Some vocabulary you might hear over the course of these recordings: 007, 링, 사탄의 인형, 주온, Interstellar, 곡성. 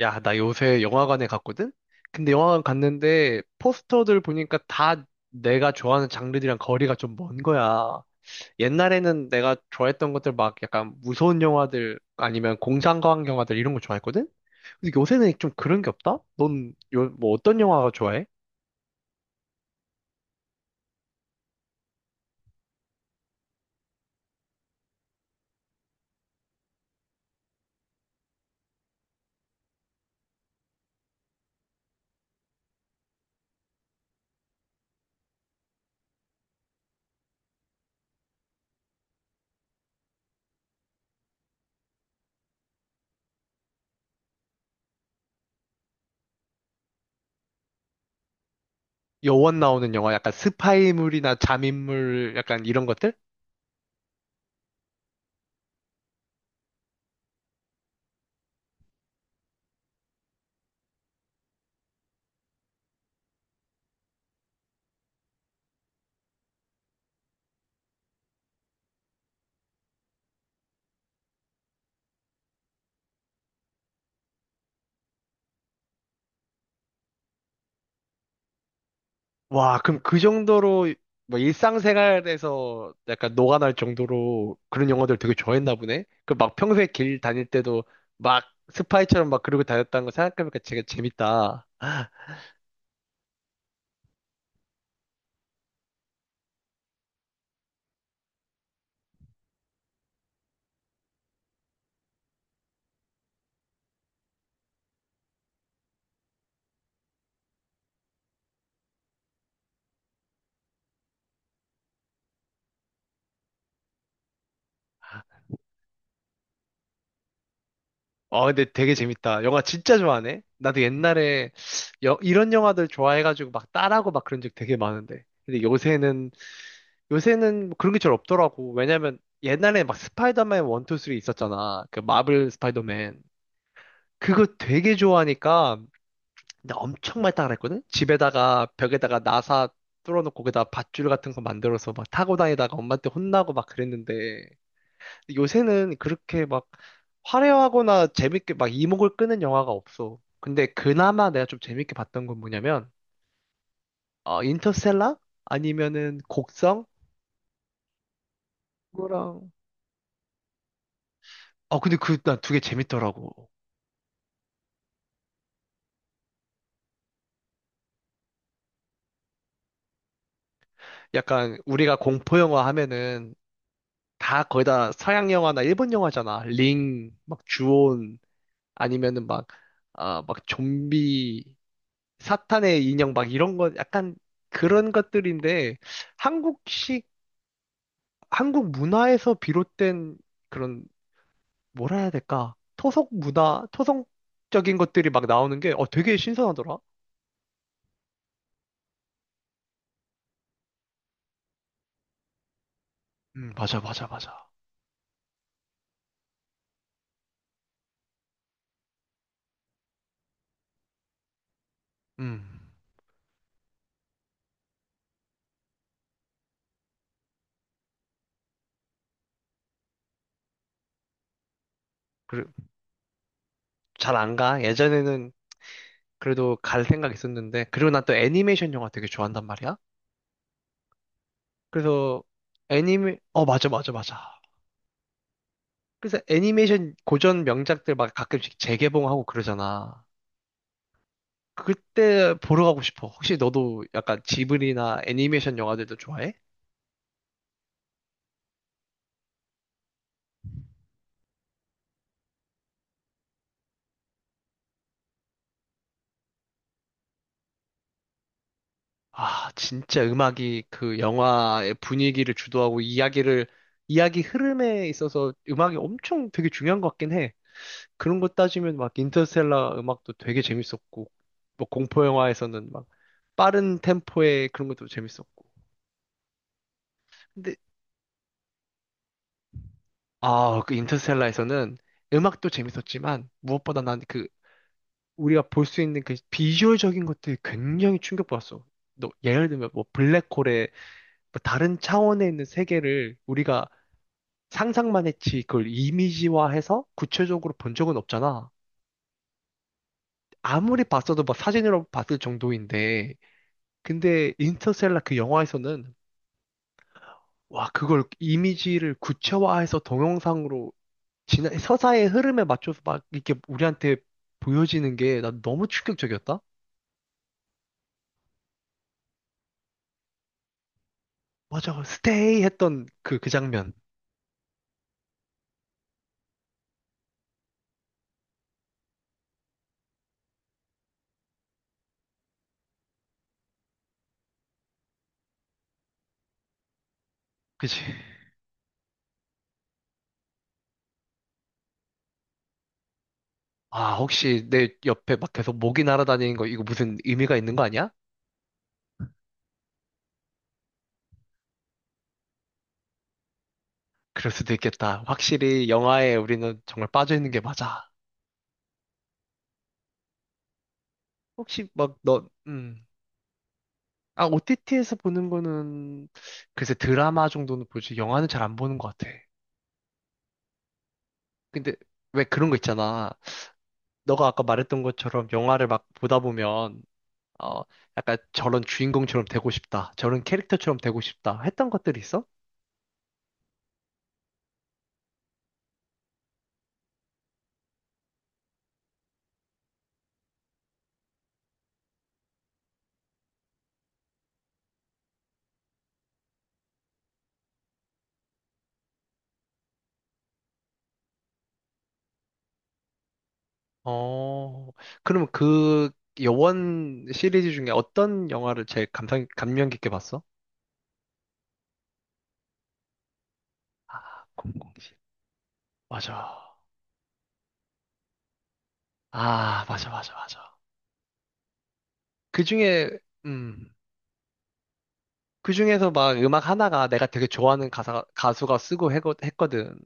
야, 나 요새 영화관에 갔거든? 근데 영화관 갔는데 포스터들 보니까 다 내가 좋아하는 장르들이랑 거리가 좀 먼 거야. 옛날에는 내가 좋아했던 것들 막 약간 무서운 영화들 아니면 공상과학 영화들 이런 거 좋아했거든? 근데 요새는 좀 그런 게 없다? 넌 뭐 어떤 영화가 좋아해? 여원 나오는 영화, 약간 스파이물이나 잠입물 약간 이런 것들? 와, 그럼 그 정도로 뭐 일상생활에서 약간 녹아날 정도로 그런 영화들 되게 좋아했나 보네. 그 막 평소에 길 다닐 때도 막 스파이처럼 막 그러고 다녔다는 거 생각해보니까 되게 재밌다. 어, 근데 되게 재밌다. 영화 진짜 좋아하네. 나도 옛날에 이런 영화들 좋아해가지고 막 따라하고 막 그런 적 되게 많은데. 근데 요새는 그런 게 잘 없더라고. 왜냐면 옛날에 막 스파이더맨 1, 2, 3 있었잖아. 그 마블 스파이더맨. 그거 되게 좋아하니까 근데 엄청 많이 따라 그랬거든? 집에다가 벽에다가 나사 뚫어놓고 거기다 밧줄 같은 거 만들어서 막 타고 다니다가 엄마한테 혼나고 막 그랬는데 요새는 그렇게 막 화려하거나 재밌게 막 이목을 끄는 영화가 없어. 근데 그나마 내가 좀 재밌게 봤던 건 뭐냐면 어, 인터스텔라? 아니면은 곡성? 그거랑 근데 그 난 두 개 재밌더라고. 약간 우리가 공포 영화 하면은 다 거의 다 서양 영화나 일본 영화잖아. 링, 막 주온 아니면은 막, 아, 막 좀비, 사탄의 인형 막 이런 것, 약간 그런 것들인데, 한국식, 한국 문화에서 비롯된 그런, 뭐라 해야 될까? 토속 문화, 토성적인 것들이 막 나오는 게, 되게 신선하더라? 맞아, 맞아, 맞아. 음, 그 잘안 가. 예전에는 그래도 갈 생각 있었는데, 그리고 난 또 애니메이션 영화 되게 좋아한단 말이야? 그래서 어, 맞아, 맞아, 맞아. 그래서 애니메이션 고전 명작들 막 가끔씩 재개봉하고 그러잖아. 그때 보러 가고 싶어. 혹시 너도 약간 지브리나 애니메이션 영화들도 좋아해? 아, 진짜 음악이 그 영화의 분위기를 주도하고 이야기 흐름에 있어서 음악이 엄청 되게 중요한 것 같긴 해. 그런 거 따지면 막 인터스텔라 음악도 되게 재밌었고, 뭐 공포 영화에서는 막 빠른 템포의 그런 것도 재밌었고. 근데 아, 그 인터스텔라에서는 음악도 재밌었지만 무엇보다 난 그 우리가 볼 수 있는 그 비주얼적인 것들이 굉장히 충격받았어. 너 예를 들면 뭐 블랙홀의 뭐 다른 차원에 있는 세계를 우리가 상상만 했지 그걸 이미지화해서 구체적으로 본 적은 없잖아. 아무리 봤어도 막 사진으로 봤을 정도인데 근데 인터스텔라 그 영화에서는 와 그걸 이미지를 구체화해서 동영상으로 지난 서사의 흐름에 맞춰서 막 이렇게 우리한테 보여지는 게 난 너무 충격적이었다. 맞아, 스테이 했던 그 장면. 그치? 아, 혹시 내 옆에 막 계속 모기 날아다니는 거 이거 무슨 의미가 있는 거 아니야? 그럴 수도 있겠다. 확실히 영화에 우리는 정말 빠져있는 게 맞아. 혹시 막 아, OTT에서 보는 거는 글쎄 드라마 정도는 보지 영화는 잘 안 보는 것 같아. 근데 왜 그런 거 있잖아. 너가 아까 말했던 것처럼 영화를 막 보다 보면 어, 약간 저런 주인공처럼 되고 싶다. 저런 캐릭터처럼 되고 싶다. 했던 것들이 있어? 어, 그럼 그 여원 시리즈 중에 어떤 영화를 제일 감명 깊게 봤어? 아, 007. 맞아. 아, 맞아, 맞아, 맞아. 그 중에, 음, 그 중에서 막 음악 하나가 내가 되게 좋아하는 가수가 쓰고 했거든.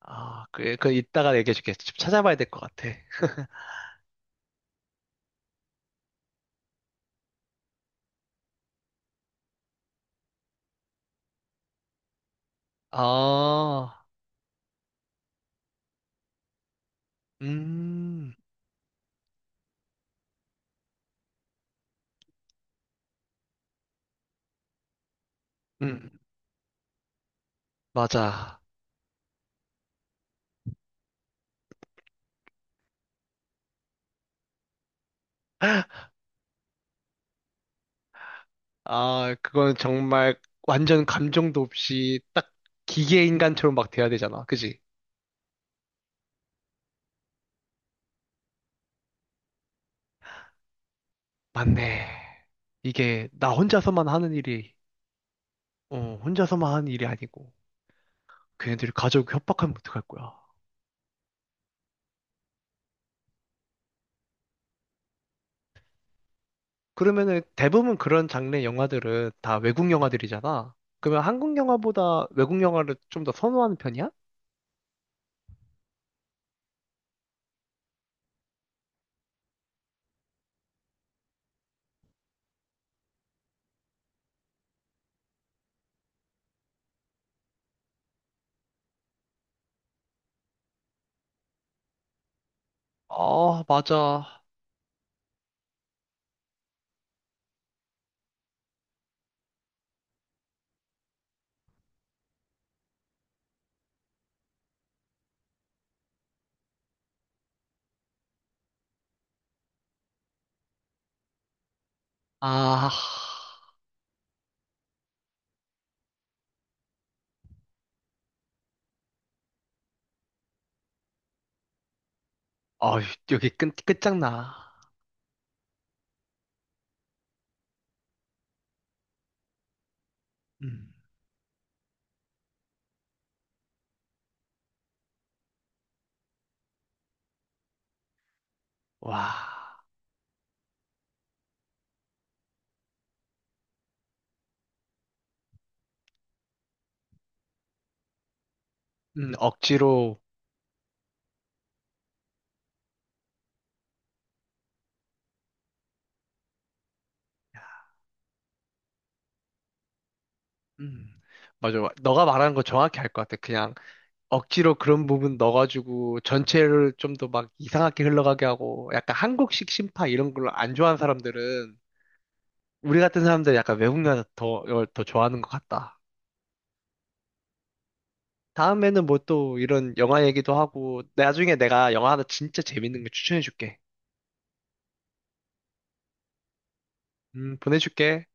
아, 그래, 그 이따가 얘기해줄게. 좀 찾아봐야 될 것 같아. 아, 음, 음, 맞아. 아, 그건 정말 완전 감정도 없이 딱 기계 인간처럼 막 돼야 되잖아. 그지? 맞네. 이게 나 혼자서만 하는 일이, 혼자서만 하는 일이 아니고, 걔네들이 가족 협박하면 어떡할 거야. 그러면은 대부분 그런 장르의 영화들은 다 외국 영화들이잖아. 그러면 한국 영화보다 외국 영화를 좀 더 선호하는 편이야? 아, 맞아. 아, 아, 여기 끝장나. 음. 와. 억지로 음, 맞아. 너가 말하는 거 정확히 알 것 같아. 그냥 억지로 그런 부분 넣어가지고 전체를 좀 더 막 이상하게 흘러가게 하고 약간 한국식 심파 이런 걸로 안 좋아하는 사람들은 우리 같은 사람들 약간 외국 영화 이걸 더 좋아하는 것 같다. 다음에는 뭐 또 이런 영화 얘기도 하고 나중에 내가 영화 하나 진짜 재밌는 거 추천해줄게. 보내줄게.